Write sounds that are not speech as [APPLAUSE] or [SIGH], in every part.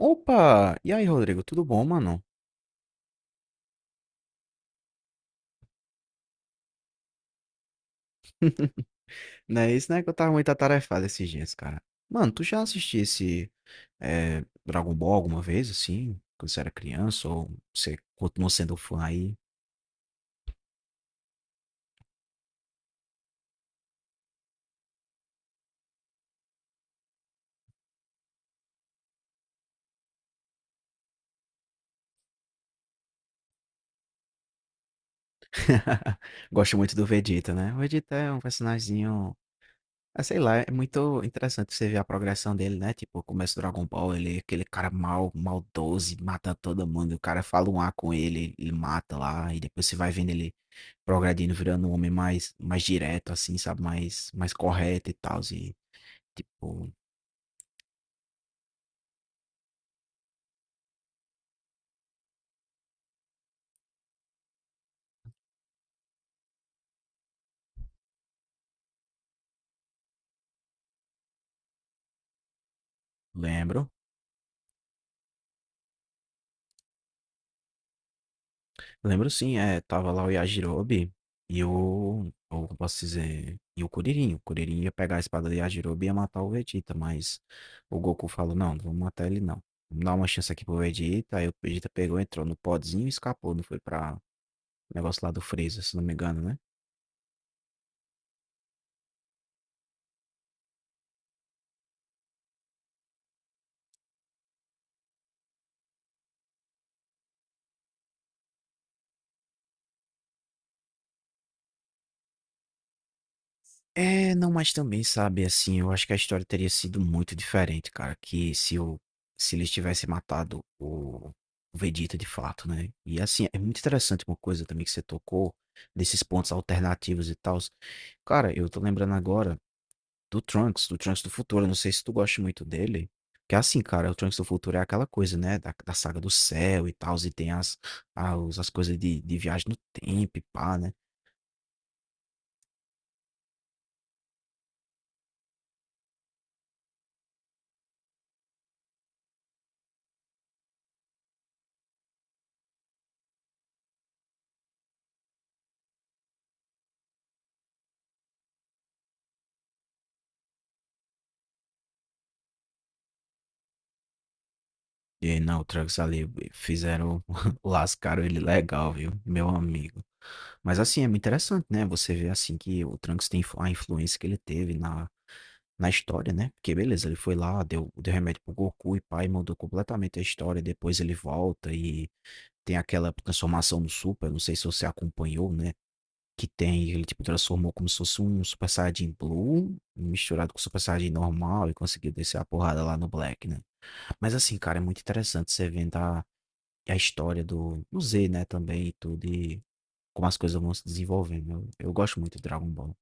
Opa! E aí, Rodrigo, tudo bom, mano? Não é isso, né? Que eu tava muito atarefado esses dias, cara. Mano, tu já assistiu esse Dragon Ball alguma vez, assim? Quando você era criança? Ou você continua sendo fã aí? [LAUGHS] Gosto muito do Vegeta, né? O Vegeta é um personagemzinho. Ah, sei lá, é muito interessante você ver a progressão dele, né? Tipo, começa o Dragon Ball, ele é aquele cara mal, maldoso, e mata todo mundo. O cara fala um A com ele, ele mata lá, e depois você vai vendo ele progredindo, virando um homem mais direto, assim, sabe? Mais correto e tal. E, tipo, lembro. Lembro sim, é, tava lá o Yajirobe e o. Ou como posso dizer? E o Kuririn. O Kuririn ia pegar a espada do Yajirobe e ia matar o Vegeta, mas o Goku falou: não, não vamos matar ele não. Vamos dar uma chance aqui pro Vegeta. Aí o Vegeta pegou, entrou no podzinho e escapou, não foi pra negócio lá do Freeza, se não me engano, né? É, não, mas também, sabe, assim, eu acho que a história teria sido muito diferente, cara, que se eu, se eles tivessem matado o Vegeta de fato, né? E assim, é muito interessante uma coisa também que você tocou, desses pontos alternativos e tal. Cara, eu tô lembrando agora do Trunks, do Trunks do Futuro, eu não sei se tu gosta muito dele, que assim, cara, o Trunks do Futuro é aquela coisa, né, da saga do céu e tal, e tem as coisas de viagem no tempo e pá, né? E não, o Trunks ali fizeram, [LAUGHS] lascaram ele legal, viu? Meu amigo. Mas assim, é muito interessante, né? Você vê assim que o Trunks tem a influência que ele teve na, na história, né? Porque beleza, ele foi lá, deu remédio pro Goku e pai, mudou completamente a história. Depois ele volta e tem aquela transformação no Super, não sei se você acompanhou, né? Que tem, ele tipo transformou como se fosse um Super Saiyajin Blue misturado com Super Saiyajin normal e conseguiu descer a porrada lá no Black, né? Mas assim, cara, é muito interessante você vendo a história do Z, né, também e tudo, e como as coisas vão se desenvolvendo. Eu gosto muito de Dragon Ball.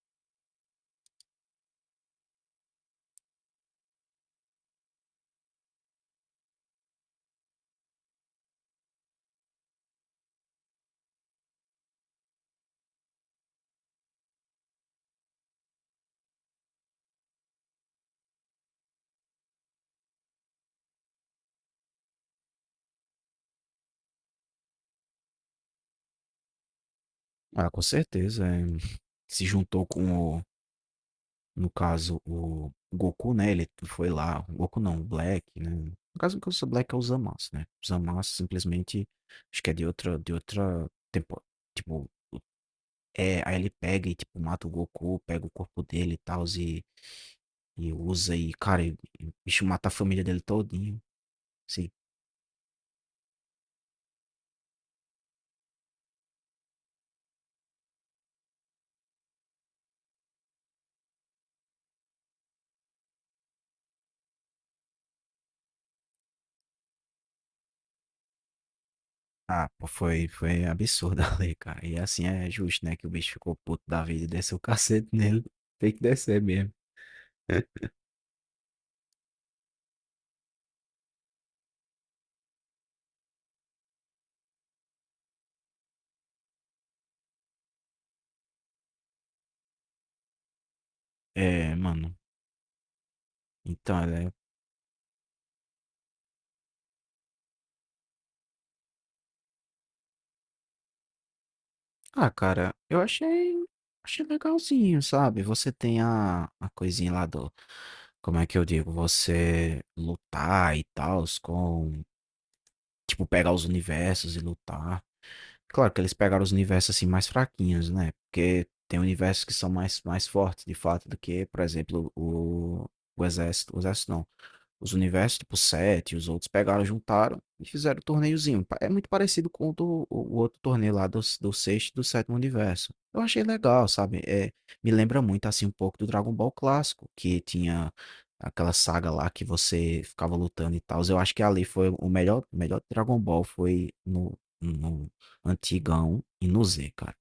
Ah, com certeza, se juntou com o no caso, o Goku, né, ele foi lá o Goku não, o Black, né. No caso, o que eu sou Black é o Zamasu, né. O Zamasu simplesmente acho que é de outra tempo tipo, é, aí ele pega e, tipo, mata o Goku, pega o corpo dele e tal e usa cara, e o bicho mata a família dele todinho, assim. Ah, pô, foi absurdo [LAUGHS] ali, cara. E assim é justo, né? Que o bicho ficou puto da vida e desceu o [LAUGHS] cacete nele. Tem que descer mesmo. É, mano. Então, é... Ah, cara, eu achei. Achei legalzinho, sabe? Você tem a coisinha lá do. Como é que eu digo? Você lutar e tal, com. Tipo, pegar os universos e lutar. Claro que eles pegaram os universos assim mais fraquinhos, né? Porque tem universos que são mais fortes, de fato, do que, por exemplo, o Exército. O Exército não. Os universos, tipo, sete, os outros pegaram, juntaram e fizeram o torneiozinho. É muito parecido com o outro torneio lá do, do sexto e do sétimo universo. Eu achei legal, sabe? É, me lembra muito, assim, um pouco do Dragon Ball clássico, que tinha aquela saga lá que você ficava lutando e tal. Eu acho que ali foi o melhor Dragon Ball foi no antigão e no Z, cara.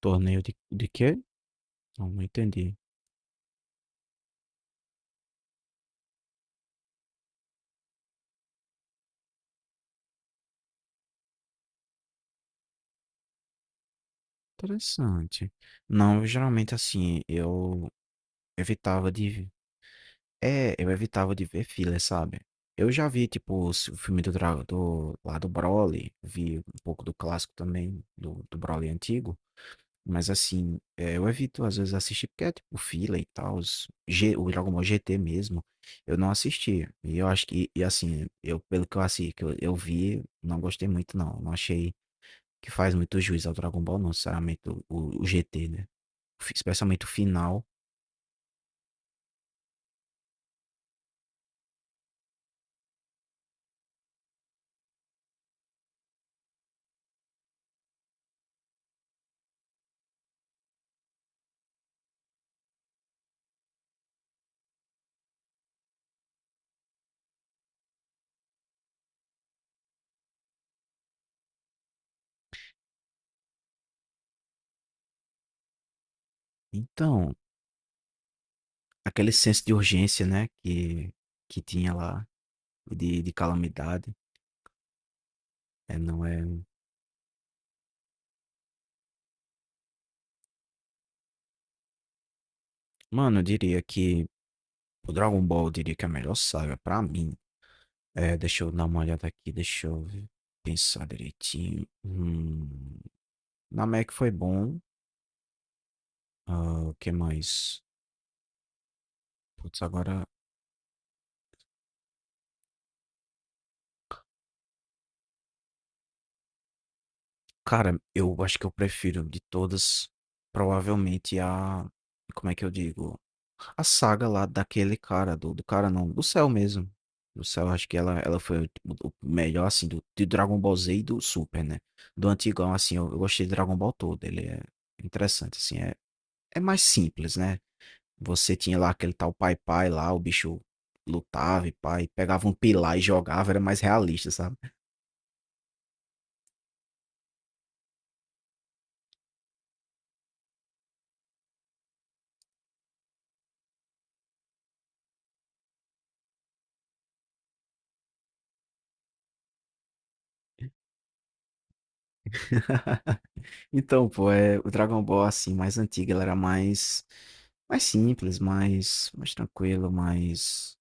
Torneio de quê? Não, não entendi. Interessante. Não, geralmente assim, eu evitava de É, eu evitava de ver filler, sabe? Eu já vi, tipo, o filme do lá do Broly, vi um pouco do clássico também, do Broly antigo, mas assim, é, eu evito às vezes assistir porque é tipo filler e tal, o Dragon Ball GT mesmo, eu não assisti. E eu acho que, e assim, eu, pelo que eu assisti, que eu vi, não gostei muito não, não achei que faz muito juiz ao Dragon Ball, não, sinceramente, o GT, né? Especialmente o final. Então, aquele senso de urgência, né, que tinha lá, de calamidade, é não é um, mano, eu diria que o Dragon Ball, eu diria que é a melhor saga pra mim. É, deixa eu dar uma olhada aqui, deixa eu pensar direitinho. Namek foi bom, hã, o que mais? Putz, agora cara, eu acho que eu prefiro de todas, provavelmente a como é que eu digo? A saga lá daquele cara, do cara não, do céu mesmo. Do céu, acho que ela foi o melhor, assim, do Dragon Ball Z e do Super, né? Do antigão, assim, eu gostei de Dragon Ball todo. Ele é interessante, assim, é, é mais simples, né? Você tinha lá aquele tal Pai Pai lá, o bicho lutava e pai, pegava um pilar e jogava, era mais realista, sabe? [LAUGHS] Então, pô, é, o Dragon Ball, assim, mais antigo, ele era mais, mais simples, mais tranquilo, mais,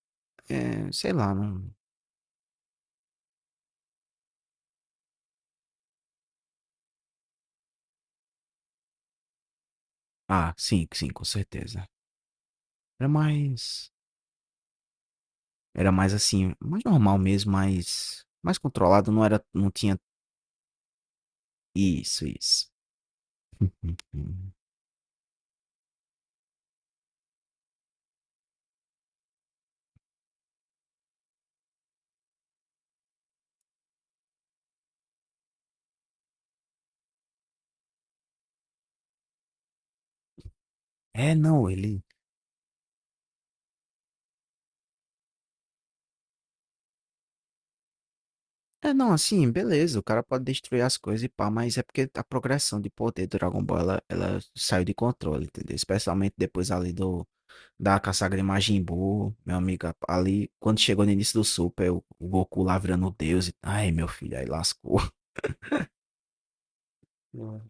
é, sei lá, não... Ah, sim, sim, com certeza. Era mais... Era mais assim, mais normal mesmo, mais controlado, não era, não tinha isso, isso. Uhum. É, não, ele. É, não, assim, beleza, o cara pode destruir as coisas e pá, mas é porque a progressão de poder do Dragon Ball, ela saiu de controle, entendeu? Especialmente depois ali do, da Kasagra Majin Buu, meu amigo, ali, quando chegou no início do Super, o Goku lá virando o deus e, ai, meu filho, aí lascou. Uhum.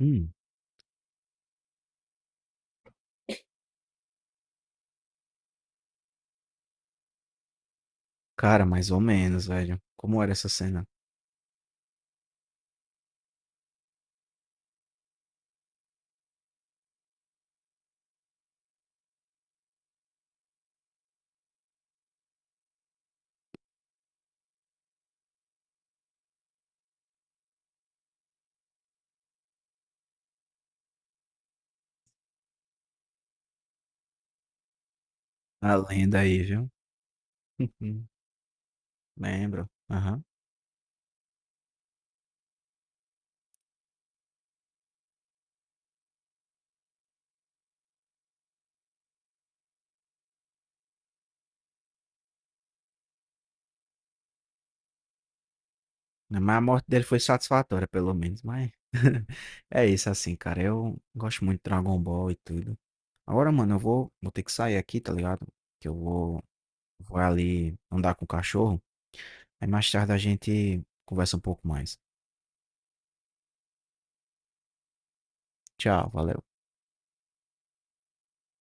Hum, cara, mais ou menos, velho. Como era essa cena? A lenda aí, viu? [LAUGHS] Lembro. Aham. Mas a morte dele foi satisfatória, pelo menos, mas [LAUGHS] é isso assim, cara. Eu gosto muito de Dragon Ball e tudo. Agora, mano, eu vou, vou ter que sair aqui, tá ligado? Que eu vou, vou ali andar com o cachorro. Aí mais tarde a gente conversa um pouco mais. Tchau, valeu.